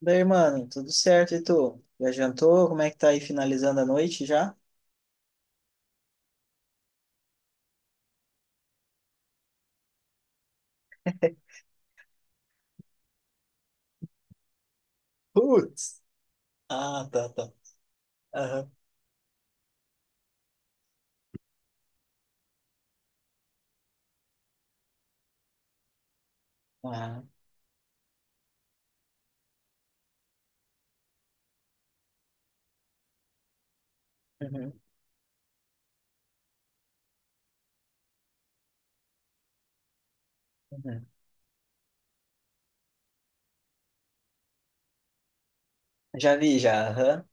Daí, mano, tudo certo, e tu? Já jantou? Como é que tá aí finalizando a noite já? Putz! Ah, tá, tá. Aham. Ah, uhum, uhum. Já vi, já, aham.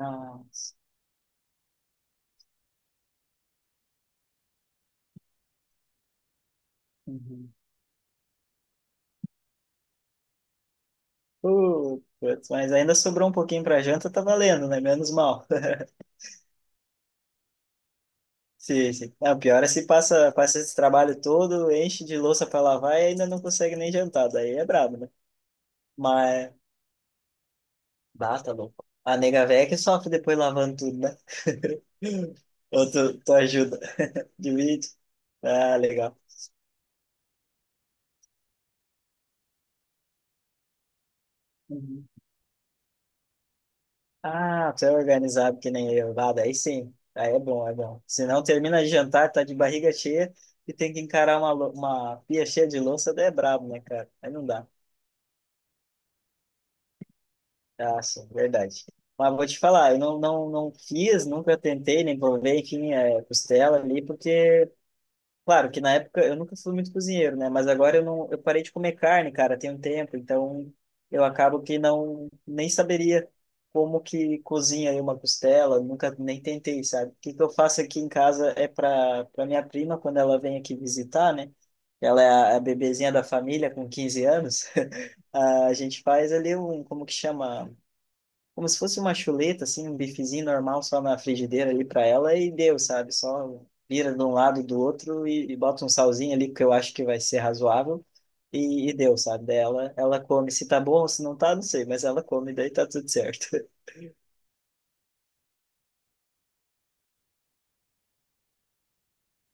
Ah, uhum. Putz, mas ainda sobrou um pouquinho pra janta, tá valendo, né? Menos mal. Sim, sim. Não, pior é se passa esse trabalho todo, enche de louça pra lavar e ainda não consegue nem jantar, daí é brabo, né? Mas, bah, tá louco. A nega véia que sofre depois lavando tudo, né? Ou tu ajuda? De vídeo. Ah, legal. Uhum. Ah, você é organizado que nem eu. Ah, daí sim. Aí é bom, é bom. Se não termina de jantar, tá de barriga cheia e tem que encarar uma pia cheia de louça, daí é brabo, né, cara? Aí não dá. Ah, sim, verdade. Mas vou te falar, eu não fiz, nunca tentei, nem provei, enfim, é, costela ali, porque claro que na época eu nunca fui muito cozinheiro, né? Mas agora eu não, eu parei de comer carne, cara, tem um tempo, então eu acabo que não nem saberia como que cozinha aí uma costela, nunca nem tentei, sabe? O que que eu faço aqui em casa é para minha prima quando ela vem aqui visitar, né? Ela é a bebezinha da família com 15 anos. A gente faz ali um, como que chama? Como se fosse uma chuleta, assim, um bifezinho normal só na frigideira ali para ela e deu, sabe? Só vira de um lado e do outro e, bota um salzinho ali que eu acho que vai ser razoável e deu, sabe? Daí ela come se tá bom ou se não tá, não sei, mas ela come, daí tá tudo certo.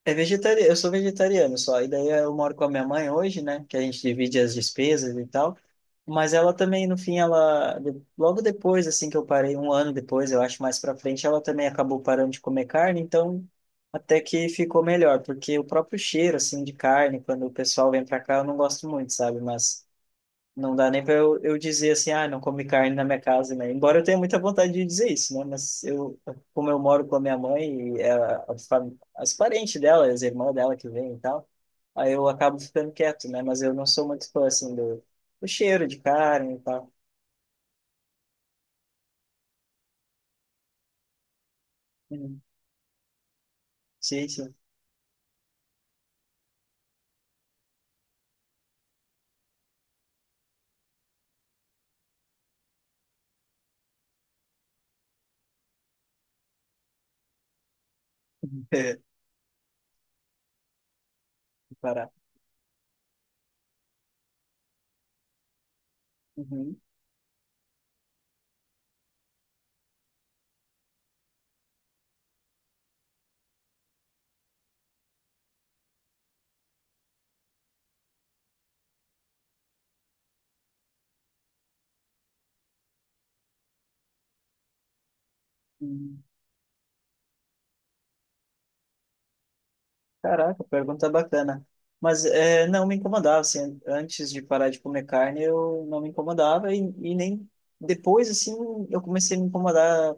É vegetariano, eu sou vegetariano só, e daí eu moro com a minha mãe hoje, né, que a gente divide as despesas e tal, mas ela também, no fim, logo depois, assim, que eu parei, um ano depois, eu acho, mais pra frente, ela também acabou parando de comer carne, então até que ficou melhor, porque o próprio cheiro, assim, de carne, quando o pessoal vem pra cá, eu não gosto muito, sabe, mas não dá nem para eu dizer assim, ah, não come carne na minha casa, né? Embora eu tenha muita vontade de dizer isso, né? Mas eu, como eu moro com a minha mãe e as parentes dela, as irmãs dela que vêm e tal, aí eu acabo ficando quieto, né? Mas eu não sou muito fã, assim, do, cheiro de carne e tal. Uhum. Sim, sim. Parar. Uhum. Uhum. Caraca, pergunta bacana. Mas é, não me incomodava, assim, antes de parar de comer carne, eu não me incomodava e nem depois, assim, eu comecei a me incomodar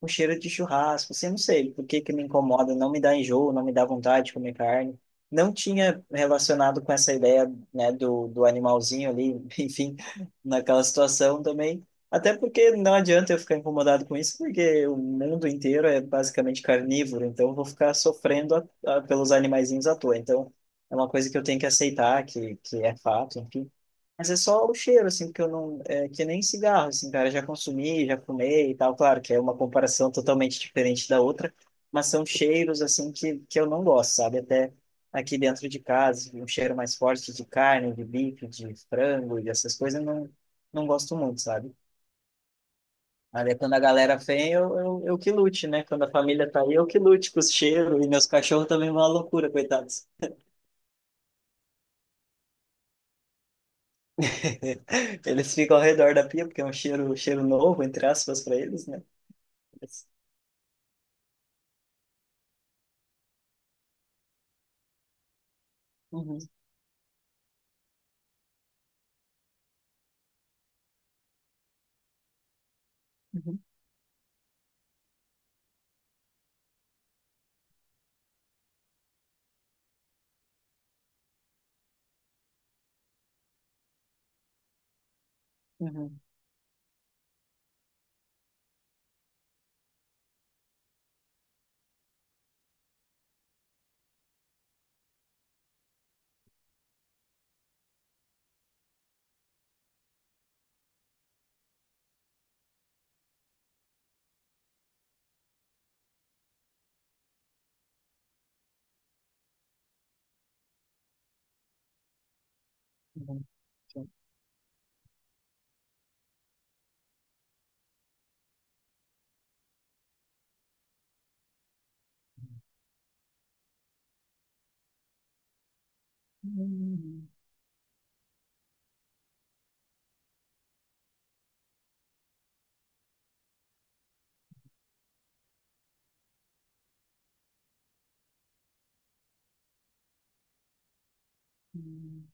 com o cheiro de churrasco, assim, eu não sei por que que me incomoda, não me dá enjoo, não me dá vontade de comer carne. Não tinha relacionado com essa ideia, né, do animalzinho ali, enfim, naquela situação também. Até porque não adianta eu ficar incomodado com isso, porque o mundo inteiro é basicamente carnívoro, então eu vou ficar sofrendo, ah, pelos animaizinhos à toa. Então, é uma coisa que eu tenho que aceitar, que é fato, enfim. Mas é só o cheiro, assim, porque eu não. É, que nem cigarro, assim, cara. Já consumi, já fumei e tal. Claro que é uma comparação totalmente diferente da outra, mas são cheiros, assim, que eu não gosto, sabe? Até aqui dentro de casa, assim, um cheiro mais forte de carne, de bife, de frango e essas coisas, eu não gosto muito, sabe? Aí é quando a galera vem, eu que lute, né? Quando a família tá aí, eu que lute com os cheiros. E meus cachorros também vão à loucura, coitados. Eles ficam ao redor da pia, porque é um cheiro novo, entre aspas, para eles, né? Mas- Uhum, uhum, uhum, uhum, sim. Uhum, uhum,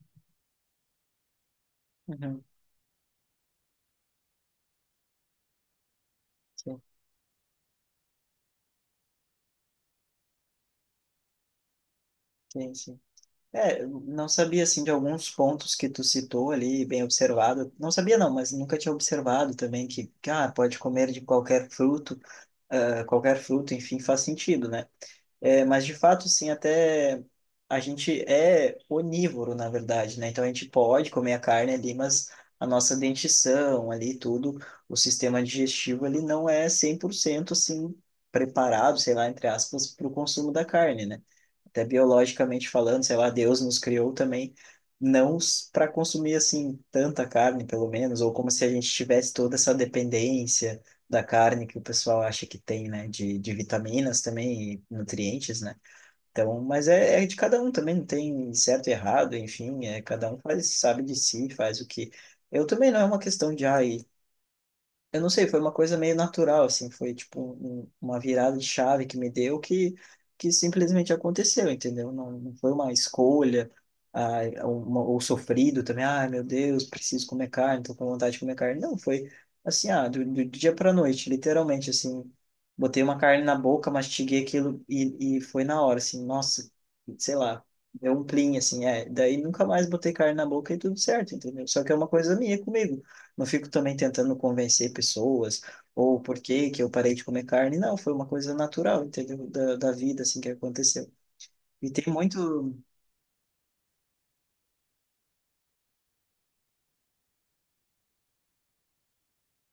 uhum, sim, sim, sim. É, eu não sabia, assim, de alguns pontos que tu citou ali, bem observado. Não sabia, não, mas nunca tinha observado também que, ah, pode comer de qualquer fruto, ah, qualquer fruto, enfim, faz sentido, né? É, mas de fato, sim, até a gente é onívoro, na verdade, né? Então a gente pode comer a carne ali, mas a nossa dentição ali, tudo, o sistema digestivo, ele não é 100% assim preparado, sei lá, entre aspas, para o consumo da carne, né? Até biologicamente falando, sei lá, Deus nos criou também não para consumir assim tanta carne, pelo menos, ou como se a gente tivesse toda essa dependência da carne que o pessoal acha que tem, né, de, vitaminas também e nutrientes, né? Então, mas é de cada um também, não tem certo e errado, enfim, é cada um faz, sabe de si, faz o que. Eu também não é uma questão de, ai, eu não sei, foi uma coisa meio natural, assim, foi tipo uma virada de chave que me deu que, simplesmente aconteceu, entendeu? Não, não foi uma escolha, ah, uma, ou sofrido também, ai meu Deus, preciso comer carne, tô com vontade de comer carne. Não, foi assim, ah, do, dia pra noite, literalmente, assim, botei uma carne na boca, mastiguei aquilo e foi na hora, assim, nossa, sei lá, deu um plim, assim, é, daí nunca mais botei carne na boca e tudo certo, entendeu? Só que é uma coisa minha comigo. Não fico também tentando convencer pessoas ou por que que eu parei de comer carne. Não, foi uma coisa natural, entendeu? da vida, assim, que aconteceu. E tem muito...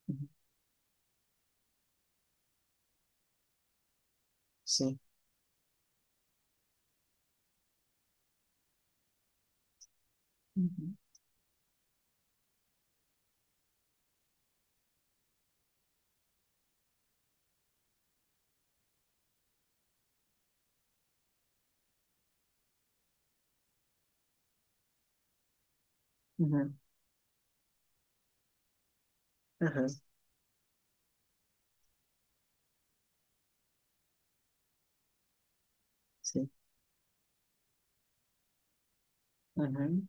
Uhum, sim. Uhum. Uhum. Uhum. Sim. Uhum.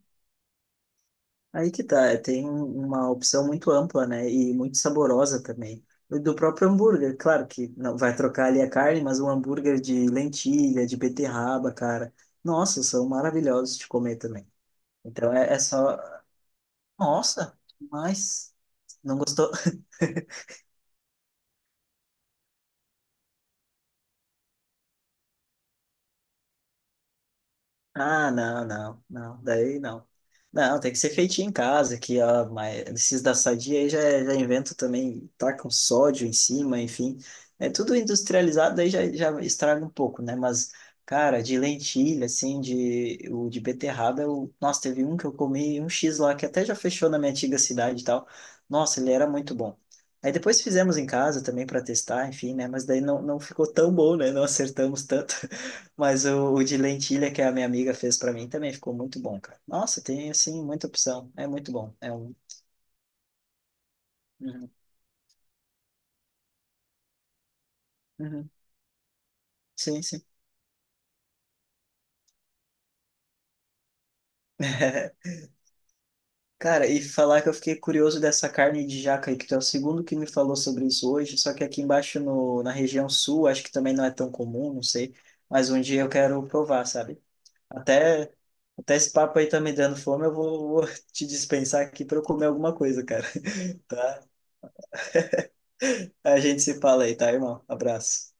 Aí que tá, é, tem uma opção muito ampla, né? E muito saborosa também. E do próprio hambúrguer, claro que não vai trocar ali a carne, mas um hambúrguer de lentilha, de beterraba, cara. Nossa, são maravilhosos de comer também. Então é só. Nossa, mas não gostou? Ah, não, não, não, daí não. Não, tem que ser feitinho em casa, que ó, mas esses da Sadia aí já inventam também, tacam sódio em cima, enfim. É tudo industrializado, daí já estraga um pouco, né? Mas, cara, de lentilha, assim, o de beterraba, nossa, teve um que eu comi, um X lá, que até já fechou na minha antiga cidade e tal. Nossa, ele era muito bom. Aí depois fizemos em casa também para testar, enfim, né? Mas daí não ficou tão bom, né? Não acertamos tanto. Mas o, de lentilha que a minha amiga fez para mim também ficou muito bom, cara. Nossa, tem assim muita opção. É muito bom. É um. Uhum, uhum. Sim, sim. Cara, e falar que eu fiquei curioso dessa carne de jaca aí, que tu é o segundo que me falou sobre isso hoje, só que aqui embaixo no, na região sul, acho que também não é tão comum, não sei, mas um dia eu quero provar, sabe? Até, até esse papo aí tá me dando fome, eu vou te dispensar aqui para eu comer alguma coisa, cara, tá? A gente se fala aí, tá, irmão? Abraço.